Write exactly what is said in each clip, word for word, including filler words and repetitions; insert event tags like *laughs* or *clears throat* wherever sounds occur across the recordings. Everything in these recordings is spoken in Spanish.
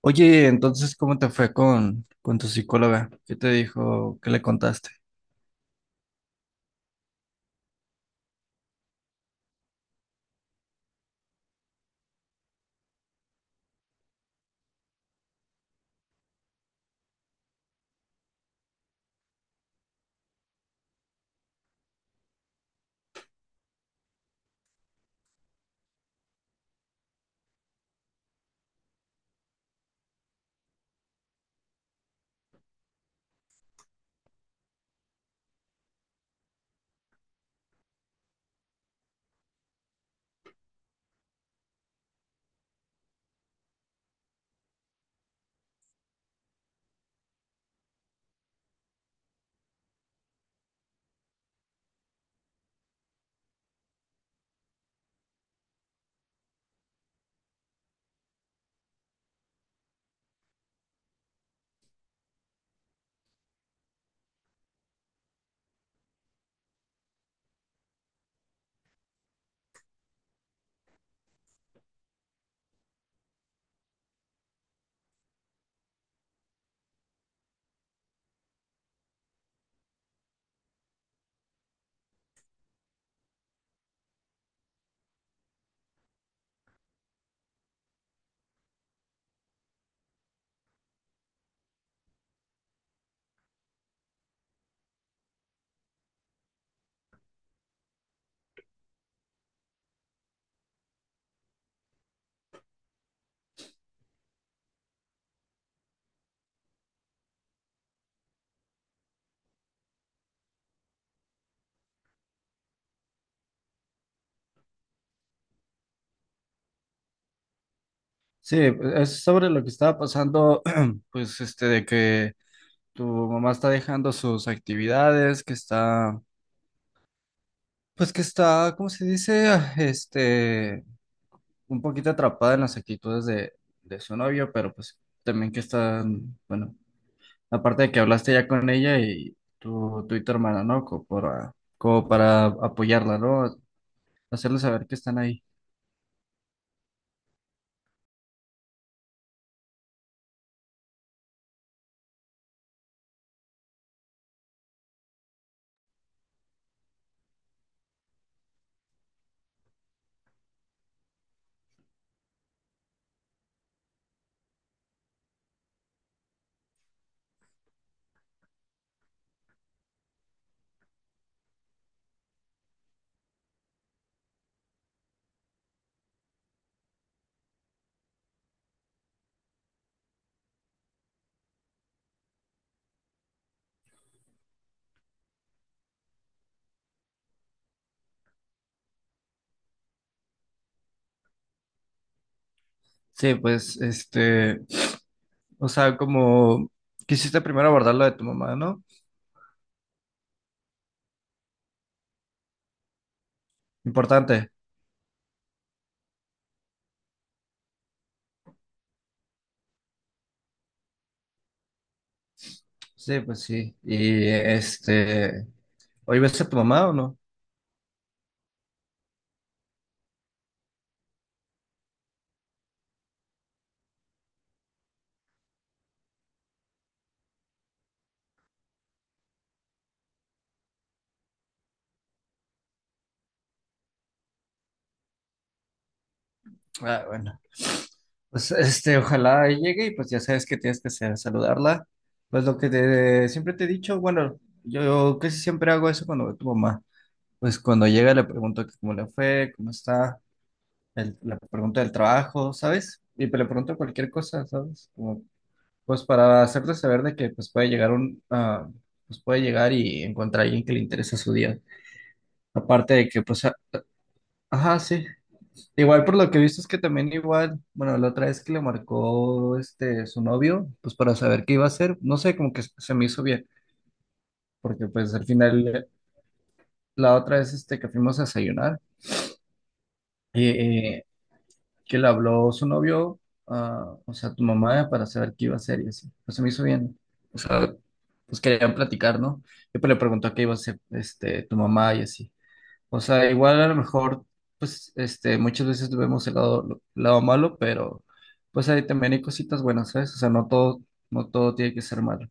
Oye, entonces, ¿cómo te fue con, con tu psicóloga? ¿Qué te dijo? ¿Qué le contaste? Sí, es sobre lo que estaba pasando, *clears throat* pues, este, de que tu mamá está dejando sus actividades, que está, pues, que está, ¿cómo se dice? Ah, Este, un poquito atrapada en las actitudes de, de su novio, pero pues también que está, bueno, aparte de que hablaste ya con ella y tu, tu y tu hermana, ¿no? Como para, como para apoyarla, ¿no? Hacerle saber que están ahí. Sí, pues, este, o sea, como quisiste primero abordar lo de tu mamá, ¿no? Importante. Sí, pues sí. Y este, ¿hoy ves a tu mamá o no? Ah, bueno. Pues este, ojalá llegue y pues ya sabes que tienes que hacer, saludarla. Pues lo que te- siempre te he dicho, bueno, yo casi siempre hago eso cuando veo a tu mamá. Pues cuando llega le pregunto que cómo le fue, cómo está, el- le pregunto del trabajo, ¿sabes? Y le pregunto cualquier cosa, ¿sabes? Como pues para hacerte saber de que pues puede llegar un ah, pues puede llegar y encontrar a alguien que le interesa su día. Aparte de que pues a- ajá, sí. Igual por lo que he visto es que también igual, bueno, la otra vez que le marcó este su novio, pues para saber qué iba a hacer, no sé, como que se me hizo bien, porque pues al final la otra vez este que fuimos a desayunar y eh, que le habló su novio, ah, o sea, tu mamá para saber qué iba a hacer y así. Pues se me hizo bien. O sea, pues querían platicar, ¿no? Y pues le preguntó qué iba a hacer este, tu mamá y así. O sea, igual a lo mejor, pues, este, muchas veces vemos el lado, lo- lado malo, pero pues ahí también hay cositas buenas, ¿sabes? O sea, no todo, no todo tiene que ser malo.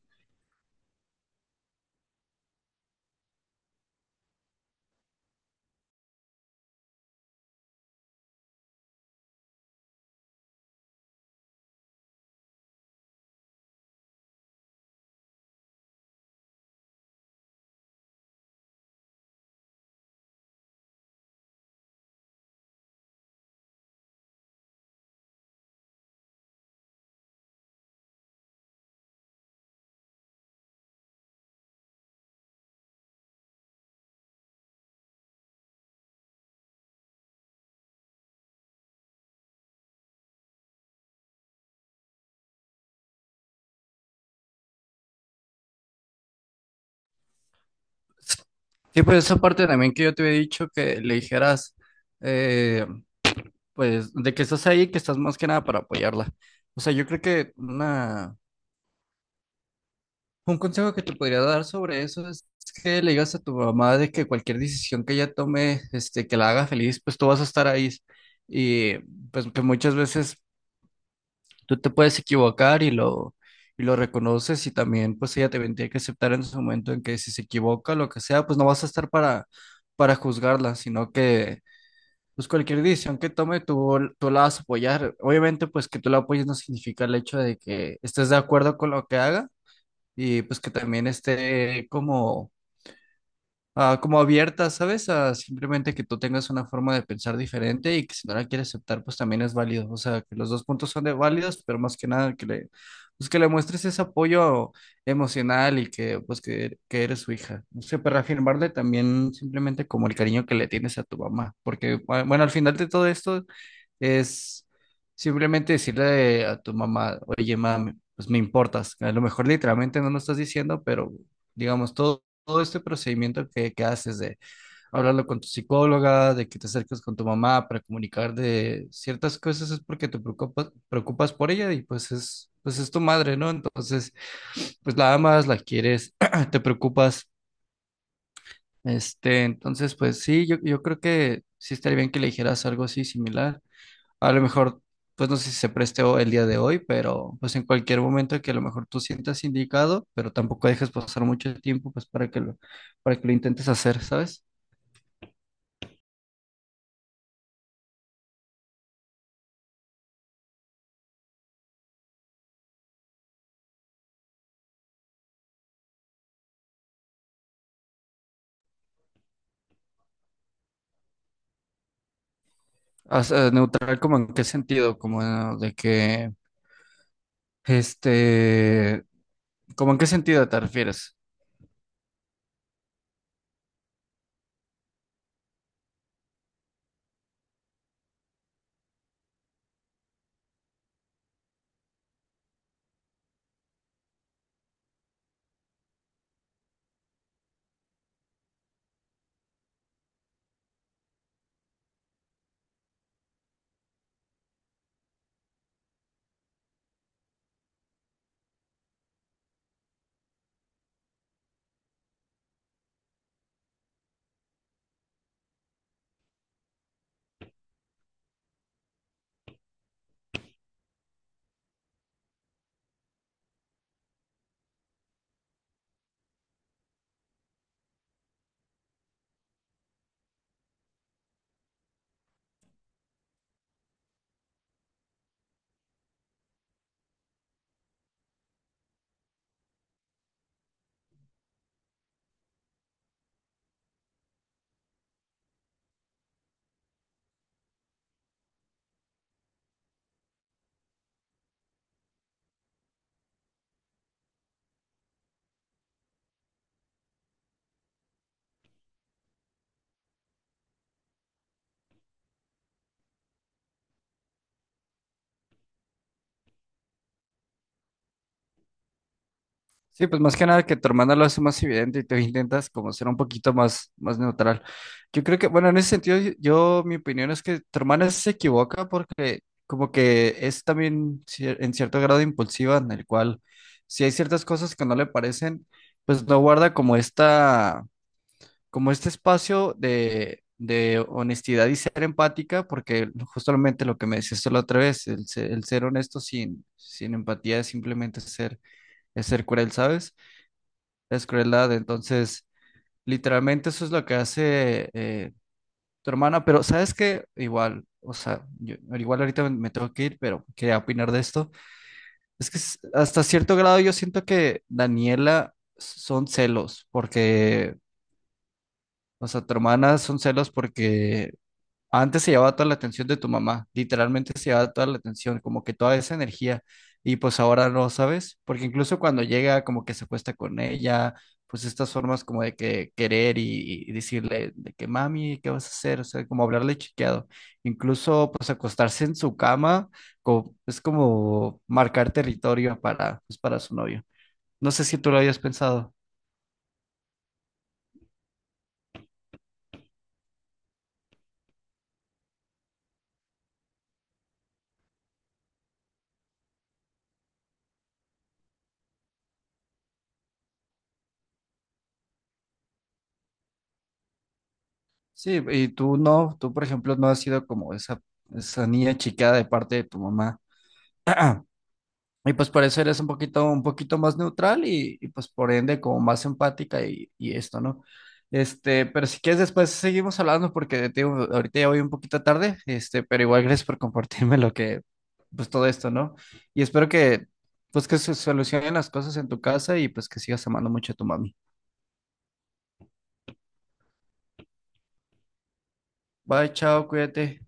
Sí, pues esa parte también que yo te había dicho que le dijeras, eh, pues, de que estás ahí, que estás más que nada para apoyarla. O sea, yo creo que una, un consejo que te podría dar sobre eso es que le digas a tu mamá de que cualquier decisión que ella tome, este, que la haga feliz, pues tú vas a estar ahí. Y pues que muchas veces tú te puedes equivocar y lo, y lo reconoces y también pues ella te tendría que aceptar en su momento en que si se equivoca, lo que sea, pues no vas a estar para, para juzgarla, sino que pues cualquier decisión que tome tú, tú la vas a apoyar. Obviamente pues que tú la apoyes no significa el hecho de que estés de acuerdo con lo que haga y pues que también esté como, ah, como abierta, ¿sabes? A simplemente que tú tengas una forma de pensar diferente y que si no la quieres aceptar, pues también es válido. O sea, que los dos puntos son de válidos, pero más que nada que le, pues que le muestres ese apoyo emocional y que pues que, que eres su hija. No sé, para reafirmarle también simplemente como el cariño que le tienes a tu mamá, porque bu- bueno, al final de todo esto es simplemente decirle a tu mamá, oye, mamá, pues me importas. A lo mejor literalmente no lo estás diciendo, pero digamos, todo, todo este procedimiento que, que haces de hablarlo con tu psicóloga, de que te acerques con tu mamá para comunicar de ciertas cosas, es porque te preocupas, preocupas por ella y pues es, pues es tu madre, ¿no? Entonces, pues la amas, la quieres, *clears throat* te preocupas. Este, entonces, pues sí, yo, yo creo que sí estaría bien que le dijeras algo así similar. A lo mejor, pues no sé si se preste o- el día de hoy, pero pues en cualquier momento que a lo mejor tú sientas indicado, pero tampoco dejes pasar mucho tiempo, pues para que lo, para que lo intentes hacer, ¿sabes? O sea, neutral, ¿como en qué sentido? Como eh, de que, este, como en qué sentido te refieres. Sí, pues más que nada que tu hermana lo hace más evidente y tú *laughs* intentas como ser un poquito más, más neutral. Yo creo que, bueno, en ese sentido, yo, yo- mi opinión es que tu hermana sí se equivoca porque como que es también cier- en cierto grado impulsiva, en el cual si hay ciertas cosas que no le parecen, pues no guarda como esta, como este espacio de, de honestidad y ser empática, porque justamente lo que me decías tú la otra vez, el, se- el ser honesto sin, sin empatía es simplemente ser, es ser cruel, ¿sabes? Es crueldad. Entonces, literalmente eso es lo que hace eh, tu hermana, pero ¿sabes qué? Igual, o sea, yo, igual ahorita me, me tengo que ir, pero quería opinar de esto. Es que s- hasta cierto grado yo siento que Daniela son celos, porque, o sea, tu hermana son celos porque antes se llevaba toda la atención de tu mamá, literalmente se llevaba toda la atención, como que toda esa energía, y pues ahora no, ¿sabes? Porque incluso cuando llega, como que se acuesta con ella, pues estas formas como de que querer y, y decirle de que mami, ¿qué vas a hacer? O sea, como hablarle chiqueado. Incluso pues acostarse en su cama, co- es como marcar territorio para, pues, para su novio. No sé si tú lo habías pensado. Sí, y tú no, tú por ejemplo no has sido como esa, esa niña chiqueada de parte de tu mamá. *clears throat* Y pues por eso eres un poquito, un poquito más neutral y, y, pues por ende como más empática y, y esto, ¿no? Este, pero si quieres después seguimos hablando porque te digo, ahorita ya voy un poquito tarde, este, pero igual gracias por compartirme lo que, pues todo esto, ¿no? Y espero que, pues que se solucionen las cosas en tu casa y pues que sigas amando mucho a tu mami. Bye, chao, cuídate.